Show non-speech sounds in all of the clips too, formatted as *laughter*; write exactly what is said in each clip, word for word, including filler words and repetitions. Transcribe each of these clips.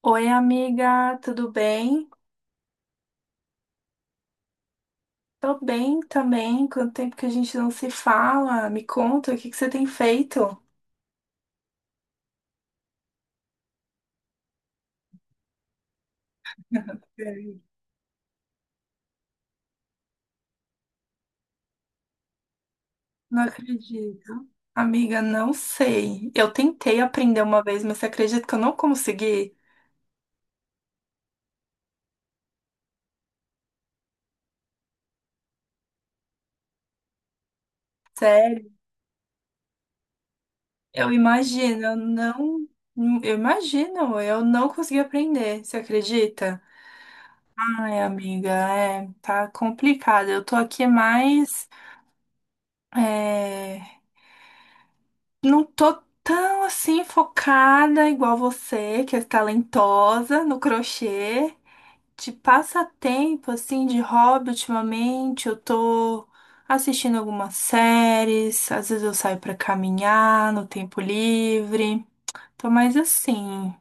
Oi, amiga, tudo bem? Tô bem também. Quanto tempo que a gente não se fala? Me conta, o que que você tem feito? Sei. Não acredito. Amiga, não sei. Eu tentei aprender uma vez, mas você acredita que eu não consegui? Sério? Eu imagino, eu não. Eu imagino, eu não consegui aprender. Você acredita? Ai, amiga, é, tá complicado. Eu tô aqui mais. É, não tô tão assim focada igual você, que é talentosa no crochê. De passatempo, assim, de hobby, ultimamente, eu tô assistindo algumas séries, às vezes eu saio pra caminhar no tempo livre. Tô mais assim.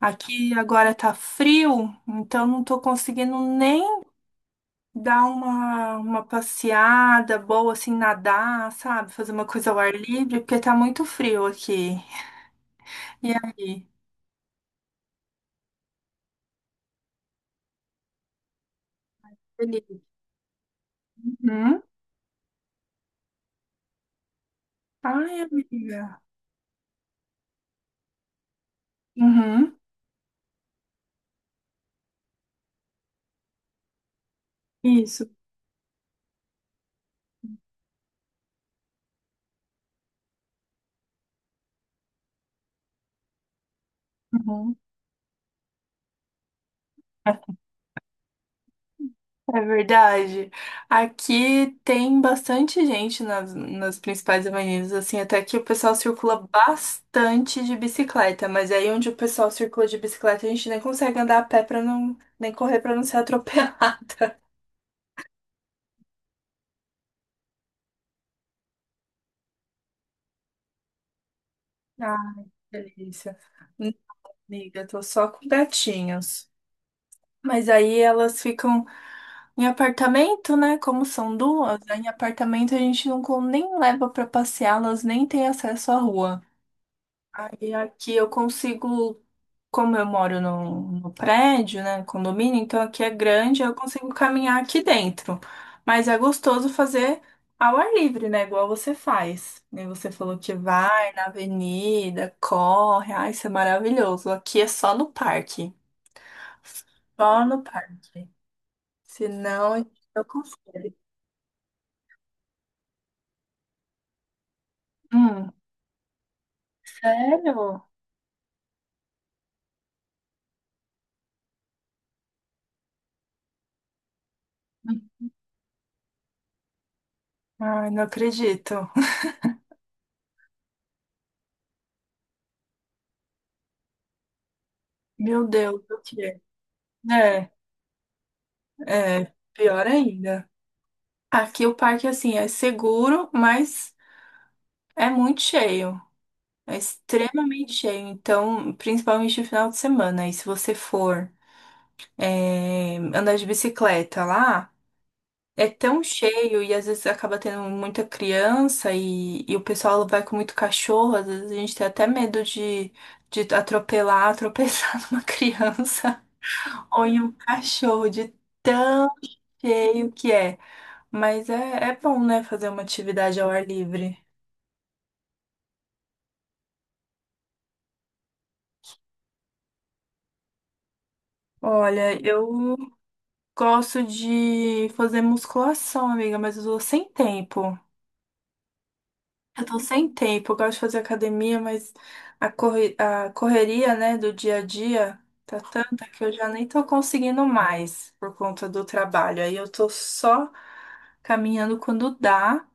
Aqui agora tá frio, então não tô conseguindo nem dar uma, uma passeada boa, assim, nadar, sabe? Fazer uma coisa ao ar livre, porque tá muito frio aqui. E aí? Beleza. Uhum. Ai, amiga. Uhum. Isso. Uhum. É verdade. Aqui tem bastante gente nas, nas principais avenidas, assim, até que o pessoal circula bastante de bicicleta, mas aí onde o pessoal circula de bicicleta, a gente nem consegue andar a pé para não, nem correr para não ser atropelado. *laughs* Ah, delícia. Amiga, tô só com gatinhos. Mas aí elas ficam em apartamento, né? Como são duas, aí em apartamento a gente não con- nem leva pra passeá-las, nem tem acesso à rua. Aí aqui eu consigo, como eu moro no, no prédio, né? Condomínio, então aqui é grande, eu consigo caminhar aqui dentro. Mas é gostoso fazer ao ar livre, né? Igual você faz. E você falou que vai na avenida, corre, ai, isso é maravilhoso. Aqui é só no parque. Só no parque. Senão eu consigo. Sério? Ai, não acredito. Meu Deus, o quê? É, é, pior ainda. Aqui o parque, assim, é seguro, mas é muito cheio. É extremamente cheio. Então, principalmente no final de semana. E se você for, é, andar de bicicleta lá, é tão cheio e às vezes acaba tendo muita criança e, e o pessoal vai com muito cachorro. Às vezes a gente tem até medo de, de atropelar, *laughs* tropeçar numa criança. Põe um cachorro de tão cheio que é. Mas é, é bom, né, fazer uma atividade ao ar livre. Olha, eu gosto de fazer musculação, amiga, mas eu tô sem tempo. Eu tô sem tempo. Eu gosto de fazer academia, mas a, corre- a correria, né, do dia a dia tá tanta que eu já nem tô conseguindo mais por conta do trabalho. Aí eu tô só caminhando quando dá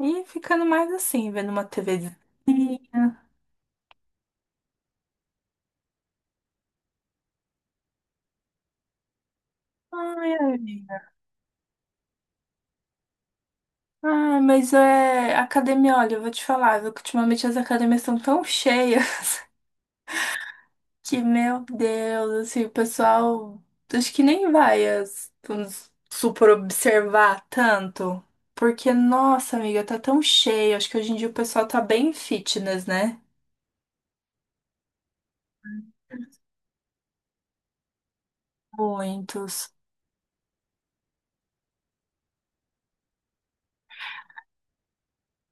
e ficando mais assim, vendo uma TVzinha. Ai, amiga. Ai, mas é. Academia, olha, eu vou te falar, viu, que ultimamente as academias estão tão cheias *laughs* que, meu Deus, assim, o pessoal acho que nem vai as, vamos supor, observar tanto. Porque, nossa, amiga, tá tão cheio. Acho que hoje em dia o pessoal tá bem fitness, né? Muitos.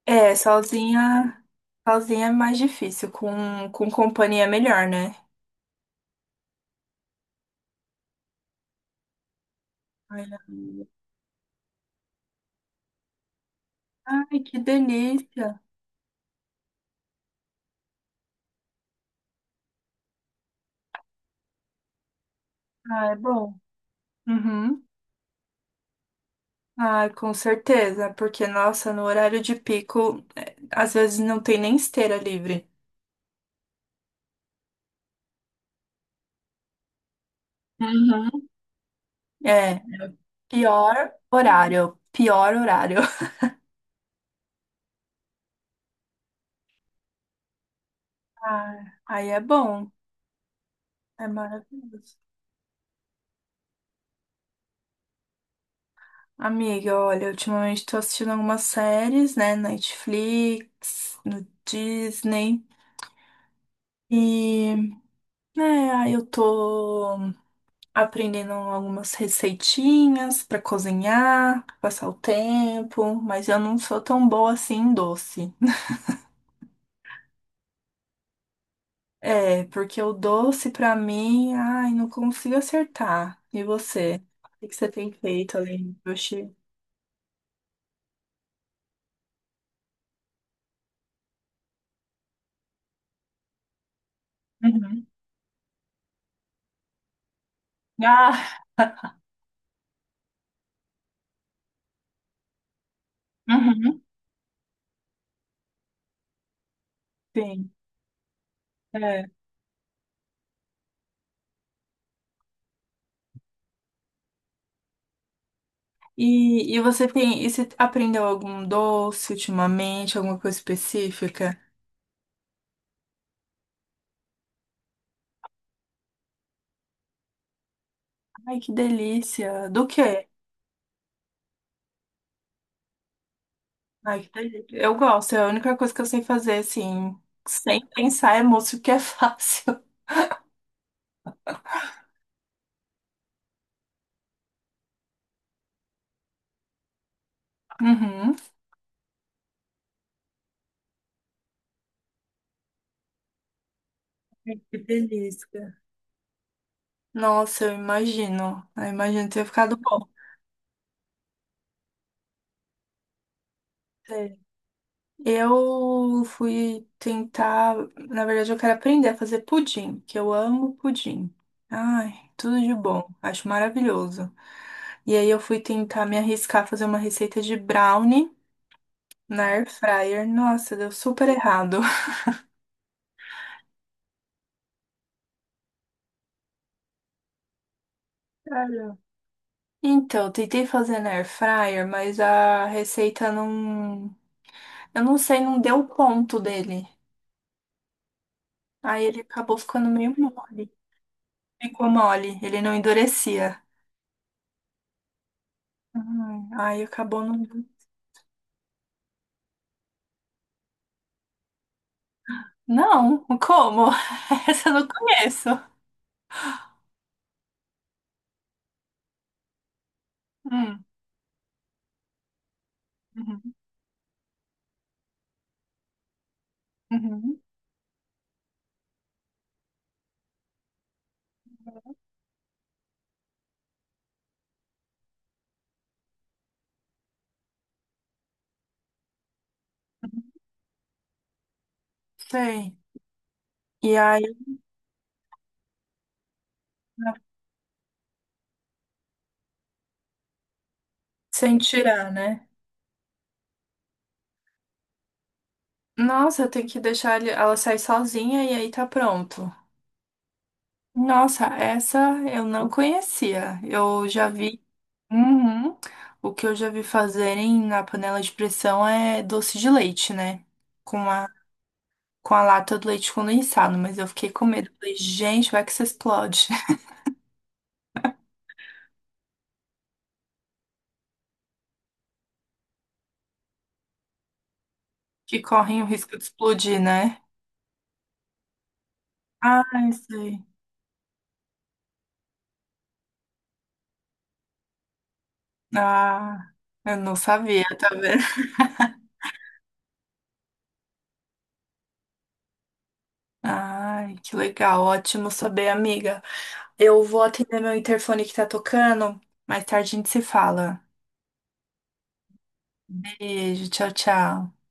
É, sozinha, sozinha é mais difícil. Com, com companhia é melhor, né? Ai, amiga. Ai, que delícia. Ah, é bom. Uhum. Ah, com certeza, porque nossa, no horário de pico, é, às vezes não tem nem esteira livre. Uhum. É, pior horário, pior horário. *laughs* Ah, aí é bom, é maravilhoso. Amiga, olha, ultimamente tô assistindo algumas séries, né, na Netflix, no Disney, e, né, aí eu tô aprendendo algumas receitinhas pra cozinhar, pra passar o tempo, mas eu não sou tão boa assim em doce. É, porque o doce pra mim, ai, não consigo acertar. E você? O que que você tem feito além do doce? Uhum. Ah, uhum. Sim. É. E, e você tem, e você aprendeu algum doce ultimamente, alguma coisa específica? Ai, que delícia! Do quê? Ai, que delícia. Eu gosto, é a única coisa que eu sei fazer, assim, sem pensar é música, que é fácil. *laughs* Uhum. Que delícia. Nossa, eu imagino. Eu imagino ter ficado bom. É. Eu fui tentar, na verdade, eu quero aprender a fazer pudim, que eu amo pudim. Ai, tudo de bom, acho maravilhoso. E aí eu fui tentar me arriscar a fazer uma receita de brownie na air fryer. Nossa, deu super errado. *laughs* Então, tentei fazer na air fryer, mas a receita não. Eu não sei, não deu o ponto dele. Aí ele acabou ficando meio mole. Ficou mole, ele não endurecia. Hum, Aí acabou não. Não, como? *laughs* Essa eu não conheço. Hum, uhum, uhum, uhum. Sei. E aí, sem tirar, né? Nossa, eu tenho que deixar ele- ela sair sozinha e aí tá pronto. Nossa, essa eu não conhecia. Eu já vi. Uhum. O que eu já vi fazerem na panela de pressão é doce de leite, né? Com a, com a lata do leite condensado, mas eu fiquei com medo. Falei, gente, vai que isso explode. *laughs* Que correm o risco de explodir, né? Ah, isso aí. Ah, eu não sabia, tá vendo? *laughs* Ai, que legal. Ótimo saber, amiga. Eu vou atender meu interfone que tá tocando. Mais tarde a gente se fala. Beijo, tchau, tchau.